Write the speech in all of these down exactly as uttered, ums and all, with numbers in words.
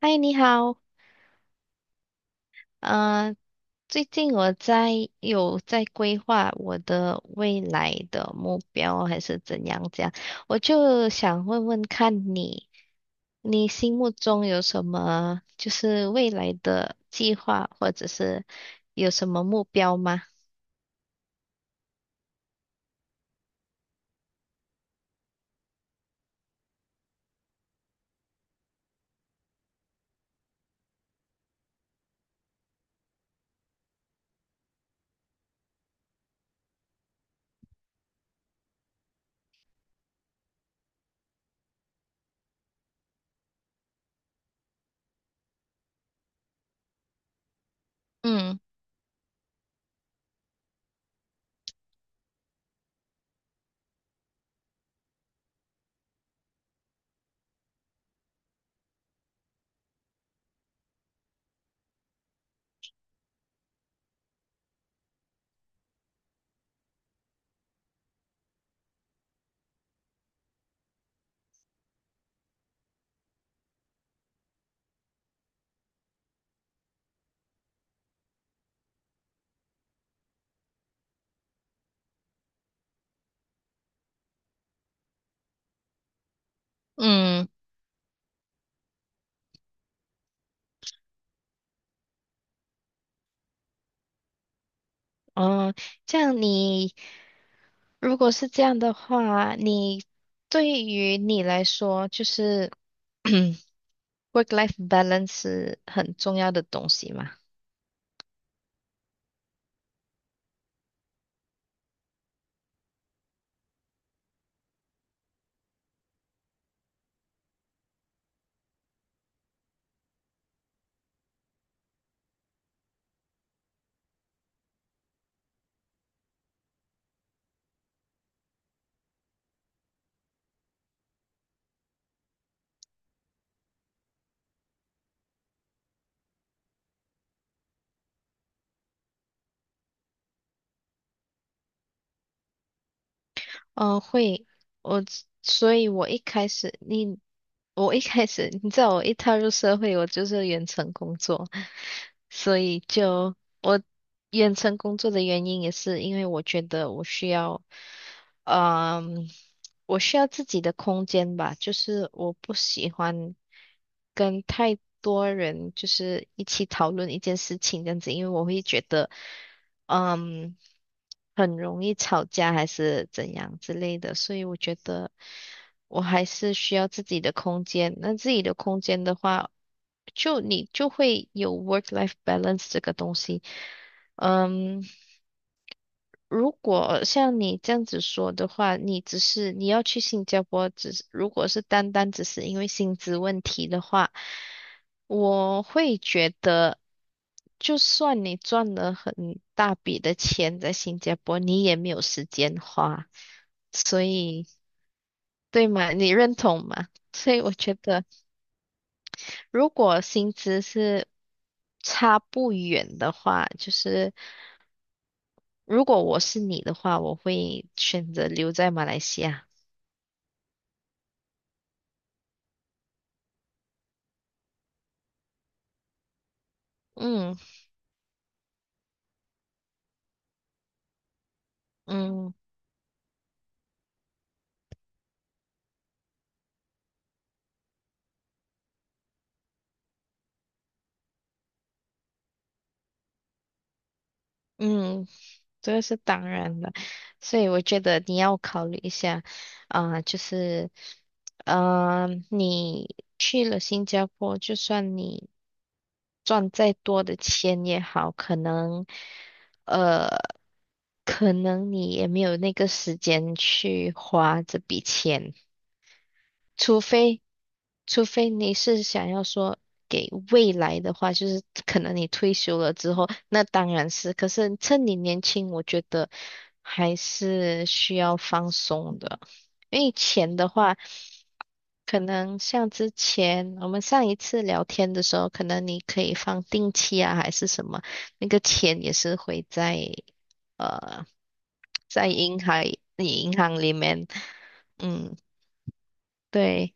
嗨，你好，嗯，最近我在有在规划我的未来的目标还是怎样这样，我就想问问看你，你心目中有什么就是未来的计划，或者是有什么目标吗？嗯嗯，哦，这样你如果是这样的话，你对于你来说就是。work-life balance 是很重要的东西嘛？嗯、呃会，我，所以我一开始，你，我一开始，你知道，我一踏入社会，我就是远程工作，所以就我远程工作的原因也是因为我觉得我需要。嗯，我需要自己的空间吧，就是我不喜欢跟太多人就是一起讨论一件事情这样子，因为我会觉得，嗯，很容易吵架还是怎样之类的，所以我觉得我还是需要自己的空间。那自己的空间的话，就你就会有 work-life balance 这个东西，嗯。如果像你这样子说的话，你只是你要去新加坡，只是如果是单单只是因为薪资问题的话，我会觉得，就算你赚了很大笔的钱在新加坡，你也没有时间花，所以对吗？你认同吗？所以我觉得，如果薪资是差不远的话，就是如果我是你的话，我会选择留在马来西亚。嗯嗯嗯，这个是当然的，所以我觉得你要考虑一下，啊、就是，呃，你去了新加坡，就算你赚再多的钱也好，可能，呃，可能你也没有那个时间去花这笔钱。除非除非你是想要说给未来的话，就是可能你退休了之后，那当然是。可是趁你年轻，我觉得还是需要放松的，因为钱的话，可能像之前我们上一次聊天的时候，可能你可以放定期啊，还是什么，那个钱也是会在呃在银行银行里面，嗯，对。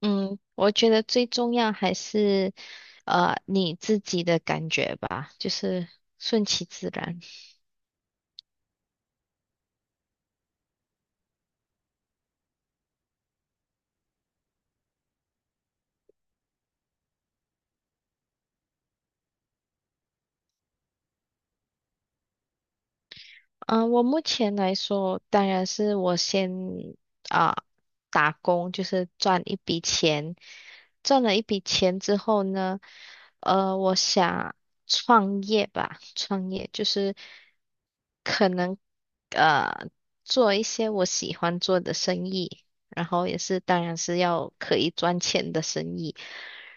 嗯，我觉得最重要还是呃你自己的感觉吧，就是顺其自然。嗯、我目前来说，当然是我先啊、打工，就是赚一笔钱。赚了一笔钱之后呢，呃，我想创业吧，创业就是。可能呃做一些我喜欢做的生意，然后也是当然是要可以赚钱的生意，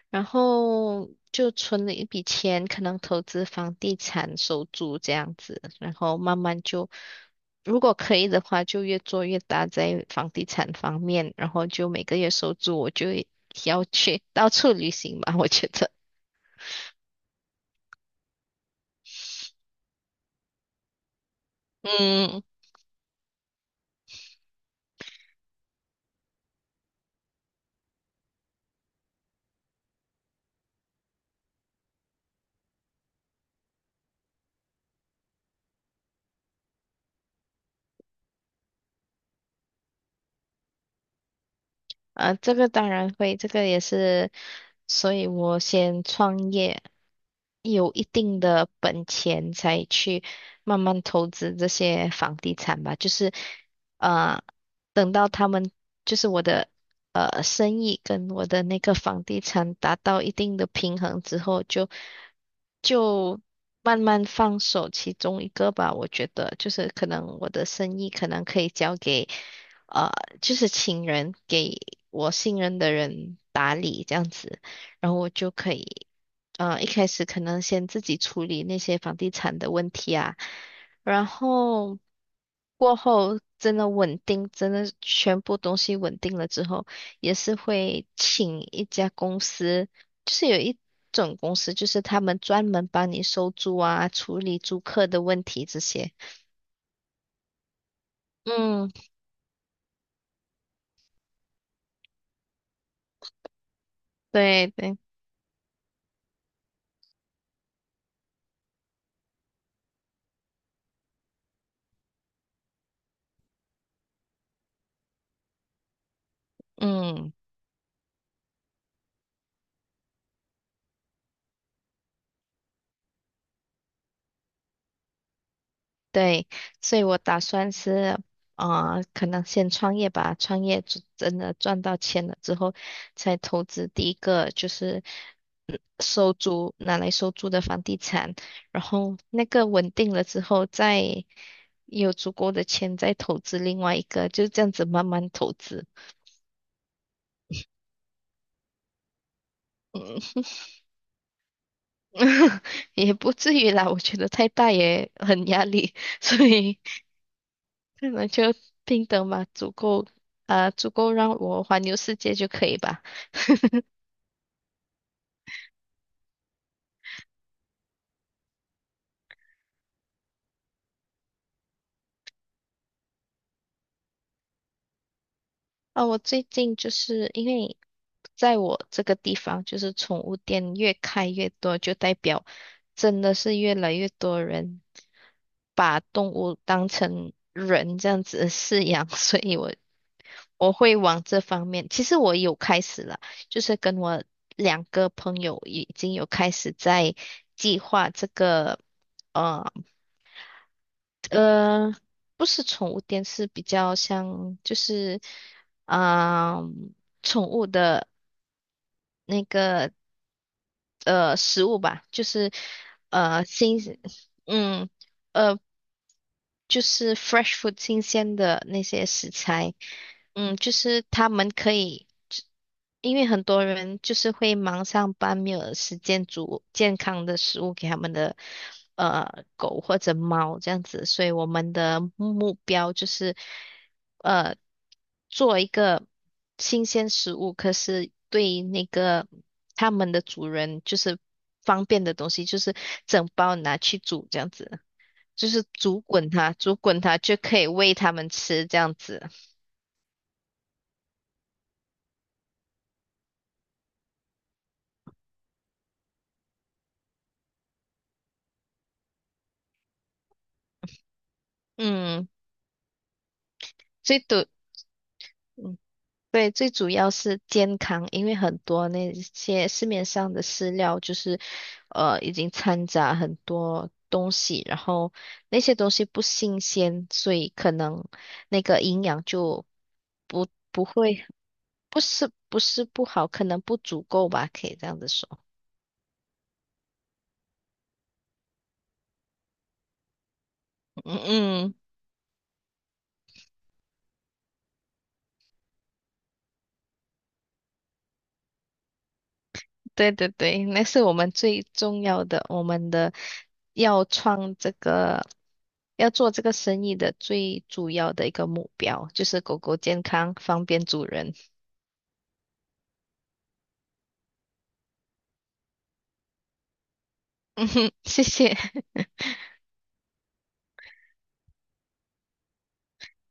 然后就存了一笔钱，可能投资房地产、收租这样子，然后慢慢就如果可以的话，就越做越大在房地产方面，然后就每个月收租，我就要去到处旅行吧，我觉得。嗯，啊，这个当然会，这个也是，所以我先创业，有一定的本钱才去慢慢投资这些房地产吧。就是呃，等到他们就是我的呃生意跟我的那个房地产达到一定的平衡之后，就就慢慢放手其中一个吧。我觉得就是可能我的生意可能可以交给呃，就是请人给我信任的人打理这样子。然后我就可以。嗯，一开始可能先自己处理那些房地产的问题啊，然后过后真的稳定，真的全部东西稳定了之后，也是会请一家公司，就是有一种公司，就是他们专门帮你收租啊，处理租客的问题这些。嗯，对对，嗯。对，所以我打算是，啊，可能先创业吧，创业就真的赚到钱了之后，才投资第一个就是嗯收租，拿来收租的房地产，然后那个稳定了之后，再有足够的钱再投资另外一个，就这样子慢慢投资，也不至于啦，我觉得太大也很压力，所以可能就平等吧，足够，啊，足够让我环游世界就可以吧。啊，我最近就是因为在我这个地方，就是宠物店越开越多，就代表真的是越来越多人把动物当成人这样子饲养，所以我我会往这方面。其实我有开始了，就是跟我两个朋友已经有开始在计划这个。呃呃，不是宠物店，是比较像就是，嗯、宠物的那个呃食物吧，就是呃新，嗯呃就是 fresh food 新鲜的那些食材，嗯，就是他们可以。因为很多人就是会忙上班，没有时间煮健康的食物给他们的呃狗或者猫这样子，所以我们的目标就是呃做一个新鲜食物，可是对那个他们的主人就是方便的东西，就是整包拿去煮这样子，就是煮滚它，煮滚它就可以喂它们吃这样子。嗯，最多。嗯对，最主要是健康，因为很多那些市面上的饲料就是，呃，已经掺杂很多东西，然后那些东西不新鲜，所以可能那个营养就不不会，不是不好，可能不足够吧，可以这样子说。嗯嗯，对对对，那是我们最重要的，我们的要创这个。要做这个生意的最主要的一个目标就是狗狗健康，方便主人。嗯哼，谢谢，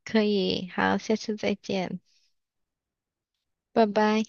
可以，好，下次再见，拜拜。